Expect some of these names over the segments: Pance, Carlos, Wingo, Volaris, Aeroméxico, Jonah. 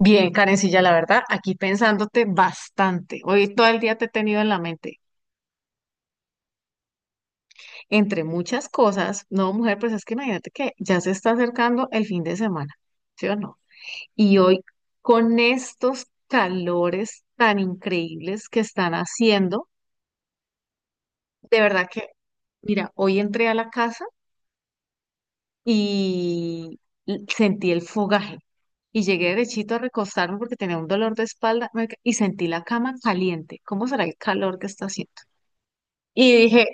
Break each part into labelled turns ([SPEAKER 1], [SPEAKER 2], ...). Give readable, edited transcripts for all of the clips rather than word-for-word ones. [SPEAKER 1] Bien, Karencilla, la verdad, aquí pensándote bastante. Hoy todo el día te he tenido en la mente. Entre muchas cosas, no, mujer, pues es que imagínate que ya se está acercando el fin de semana, ¿sí o no? Y hoy, con estos calores tan increíbles que están haciendo, de verdad que, mira, hoy entré a la casa y sentí el fogaje. Y llegué derechito a recostarme porque tenía un dolor de espalda marica, y sentí la cama caliente. ¿Cómo será el calor que está haciendo? Y dije,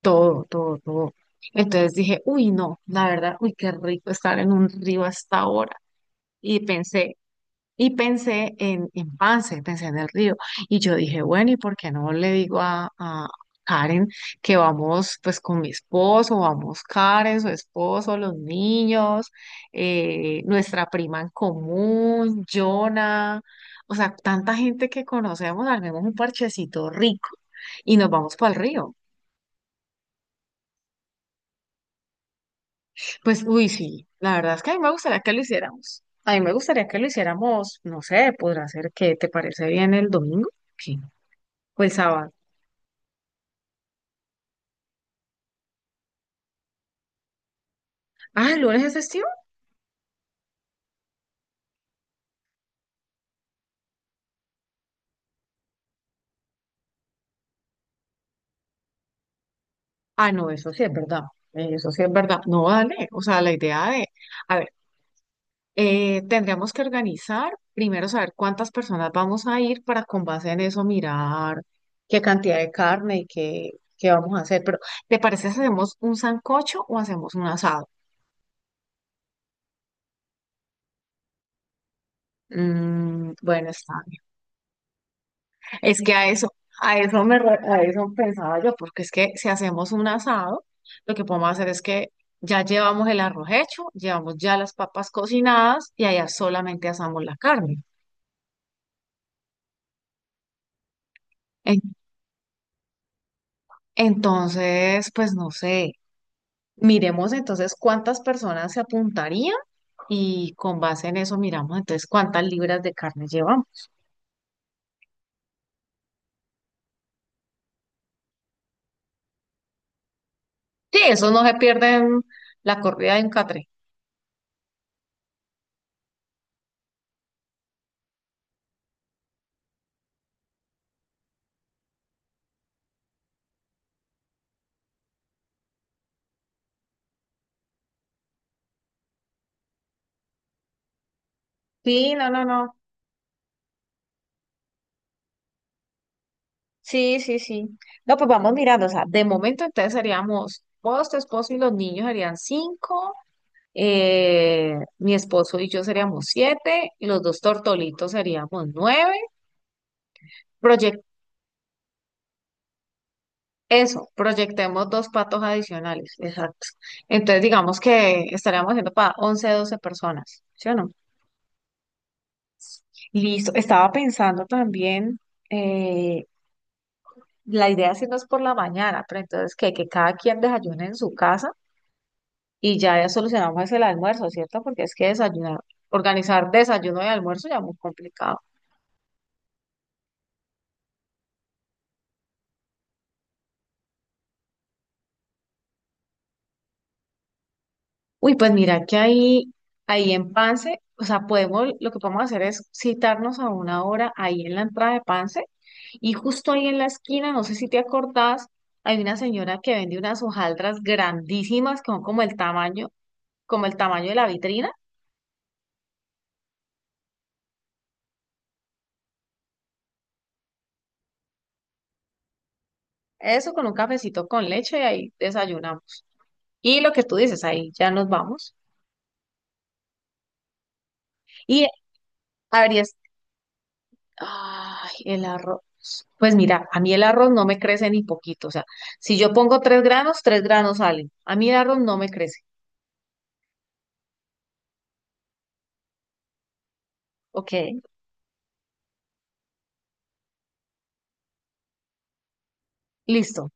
[SPEAKER 1] todo, todo, todo. Entonces dije, uy, no, la verdad, uy, qué rico estar en un río hasta ahora. Y pensé, y pensé en Pance, pensé en el río. Y yo dije, bueno, ¿y por qué no le digo a Karen que vamos pues con mi esposo, vamos Karen, su esposo, los niños, nuestra prima en común, Jonah, o sea, tanta gente que conocemos, armemos un parchecito rico y nos vamos para el río. Pues, uy, sí, la verdad es que a mí me gustaría que lo hiciéramos. A mí me gustaría que lo hiciéramos, no sé, podrá ser que te parece bien el domingo. Sí. O el sábado. Ah, ¿el lunes es festivo? Ah, no, eso sí es verdad. Eso sí es verdad. No, dale. O sea, la idea de, a ver, tendríamos que organizar, primero saber cuántas personas vamos a ir para con base en eso mirar qué cantidad de carne y qué, qué vamos a hacer. Pero, ¿te parece si hacemos un sancocho o hacemos un asado? Mm, bueno, está. Es que a eso, a eso pensaba yo, porque es que si hacemos un asado, lo que podemos hacer es que ya llevamos el arroz hecho, llevamos ya las papas cocinadas y allá solamente asamos la carne. En- entonces, pues no sé, miremos entonces cuántas personas se apuntarían y con base en eso miramos entonces cuántas libras de carne llevamos. Sí, eso no se pierde en la corrida de un catre. Sí, no, no, no. Sí, sí, sí. No, pues vamos mirando, o sea, de momento entonces seríamos vos, tu esposo y los niños serían cinco, mi esposo y yo seríamos siete, y los dos tortolitos seríamos nueve. Proyec- eso, proyectemos dos patos adicionales, exacto. Entonces digamos que estaríamos haciendo para 11, 12 personas, ¿sí o no? Listo, estaba pensando también, eh, la idea es irnos por la mañana, pero entonces que cada quien desayune en su casa. Y ya, ya solucionamos ese el almuerzo, ¿cierto? Porque es que desayunar, organizar desayuno y almuerzo ya muy complicado. Uy, pues mira que ahí, ahí en Pance, o sea, podemos, lo que podemos hacer es citarnos a una hora ahí en la entrada de Pance y justo ahí en la esquina, no sé si te acordás, hay una señora que vende unas hojaldras grandísimas que son como el tamaño de la vitrina. Eso con un cafecito con leche y ahí desayunamos. Y lo que tú dices, ahí ya nos vamos. Y habría, ay, el arroz. Pues mira, a mí el arroz no me crece ni poquito. O sea, si yo pongo tres granos salen. A mí el arroz no me crece. Ok, listo,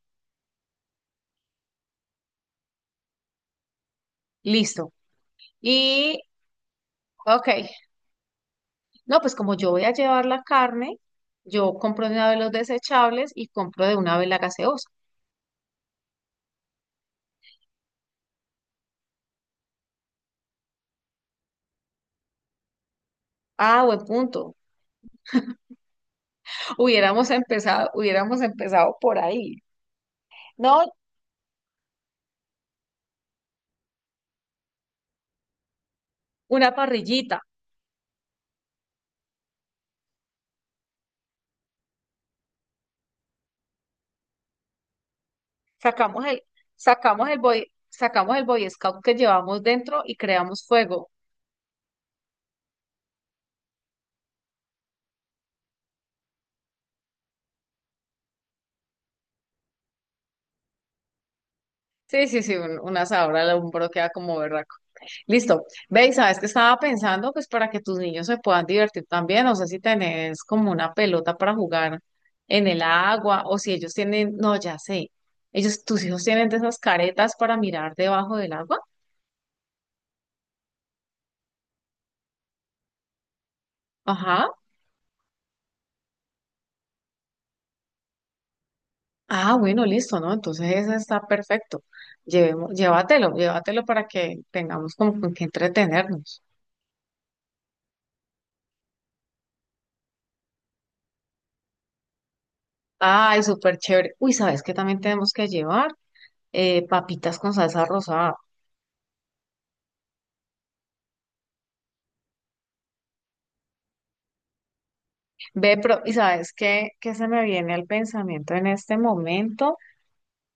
[SPEAKER 1] listo. Y, ok, no, pues como yo voy a llevar la carne, yo compro de una vez los desechables y compro de una vez la gaseosa. Ah, buen punto. Hubiéramos empezado por ahí. No, una parrillita. Sacamos el, sacamos el Boy Scout que llevamos dentro y creamos fuego. Sí, sí, sí, una sabra un hombro queda como berraco. Listo. Ve, y sabes que estaba pensando, pues para que tus niños se puedan divertir también, no sé si tenés como una pelota para jugar en el agua o si ellos tienen, no, ya sé, ellos, tus hijos tienen de esas caretas para mirar debajo del agua. Ajá. Ah, bueno, listo, ¿no? Entonces ese está perfecto. Llevemos, llévatelo, llévatelo para que tengamos como con qué entretenernos. Ay, súper chévere. Uy, ¿sabes qué también tenemos que llevar? Papitas con salsa rosada. Ve, pero, ¿y sabes qué, qué se me viene al pensamiento en este momento?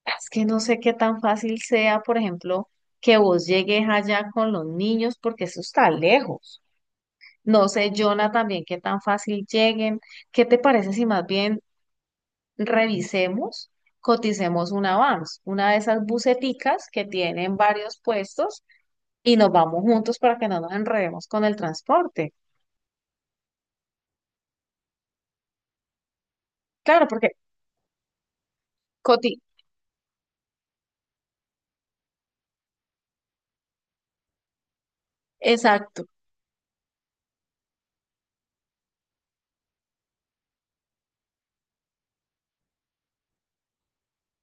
[SPEAKER 1] Es que no sé qué tan fácil sea, por ejemplo, que vos llegues allá con los niños, porque eso está lejos. No sé, Jonah, también qué tan fácil lleguen. ¿Qué te parece si más bien revisemos, coticemos una vans, una de esas buseticas que tienen varios puestos y nos vamos juntos para que no nos enredemos con el transporte? Claro, porque, Coti, exacto.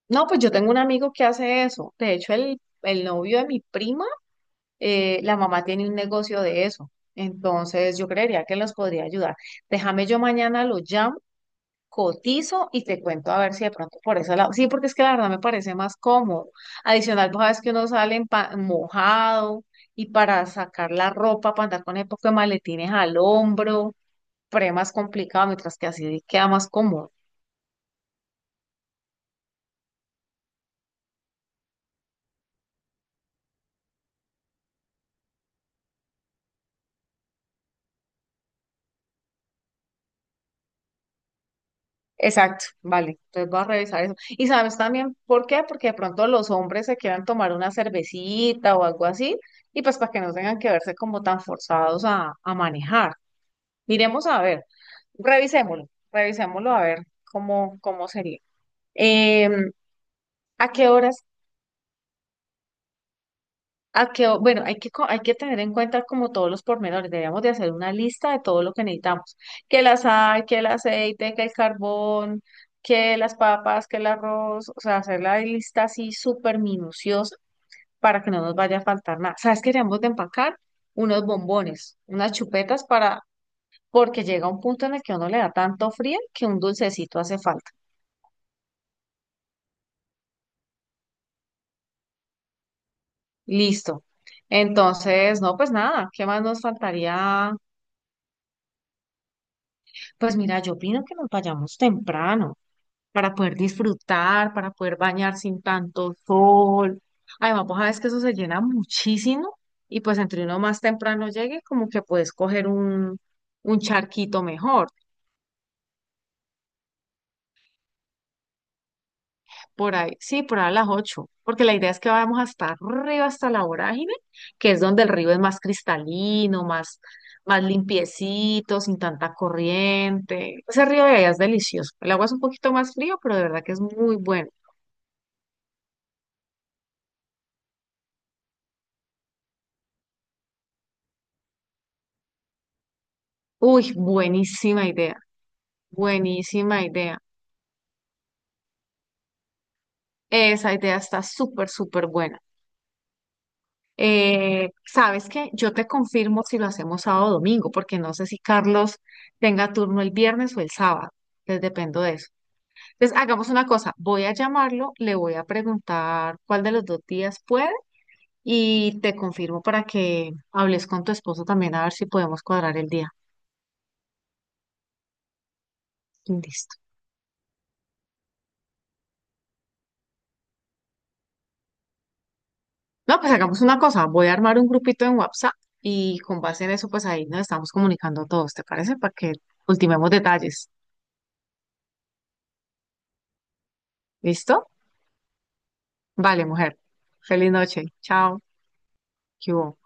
[SPEAKER 1] No, pues yo tengo un amigo que hace eso. De hecho, el novio de mi prima, la mamá tiene un negocio de eso. Entonces, yo creería que los podría ayudar. Déjame yo mañana lo llamo, cotizo y te cuento a ver si de pronto por eso lado. Sí, porque es que la verdad me parece más cómodo. Adicional, vos sabes que uno sale mojado y para sacar la ropa, para andar con el poco de maletines al hombro, pre más complicado, mientras que así queda más cómodo. Exacto, vale. Entonces voy a revisar eso. Y sabes también por qué, porque de pronto los hombres se quieran tomar una cervecita o algo así, y pues para que no tengan que verse como tan forzados a manejar. Miremos a ver, revisémoslo, revisémoslo a ver cómo, cómo sería. Em, ¿A qué horas a que, bueno, hay que, hay que tener en cuenta como todos los pormenores, debemos de hacer una lista de todo lo que necesitamos, que la sal, que el aceite, que el carbón, que las papas, que el arroz, o sea, hacer la lista así súper minuciosa para que no nos vaya a faltar nada. ¿Sabes que debemos de empacar unos bombones, unas chupetas para, porque llega un punto en el que uno le da tanto frío que un dulcecito hace falta? Listo. Entonces, no, pues nada, ¿qué más nos faltaría? Pues mira, yo opino que nos vayamos temprano para poder disfrutar, para poder bañar sin tanto sol. Además, vos sabes que eso se llena muchísimo y pues entre uno más temprano llegue, como que puedes coger un charquito mejor. Por ahí, sí, por ahí a las 8, porque la idea es que vayamos hasta arriba, hasta la vorágine, que es donde el río es más cristalino, más, más limpiecito, sin tanta corriente. Ese río de allá es delicioso. El agua es un poquito más frío, pero de verdad que es muy bueno. Uy, buenísima idea, buenísima idea. Esa idea está súper, súper buena. ¿Sabes qué? Yo te confirmo si lo hacemos sábado o domingo, porque no sé si Carlos tenga turno el viernes o el sábado. Entonces dependo de eso. Entonces hagamos una cosa, voy a llamarlo, le voy a preguntar cuál de los dos días puede y te confirmo para que hables con tu esposo también a ver si podemos cuadrar el día. Listo. No, pues hagamos una cosa, voy a armar un grupito en WhatsApp y con base en eso, pues ahí nos estamos comunicando todos, ¿te parece? Para que ultimemos detalles. ¿Listo? Vale, mujer. Feliz noche. Chao. ¿Qué hubo?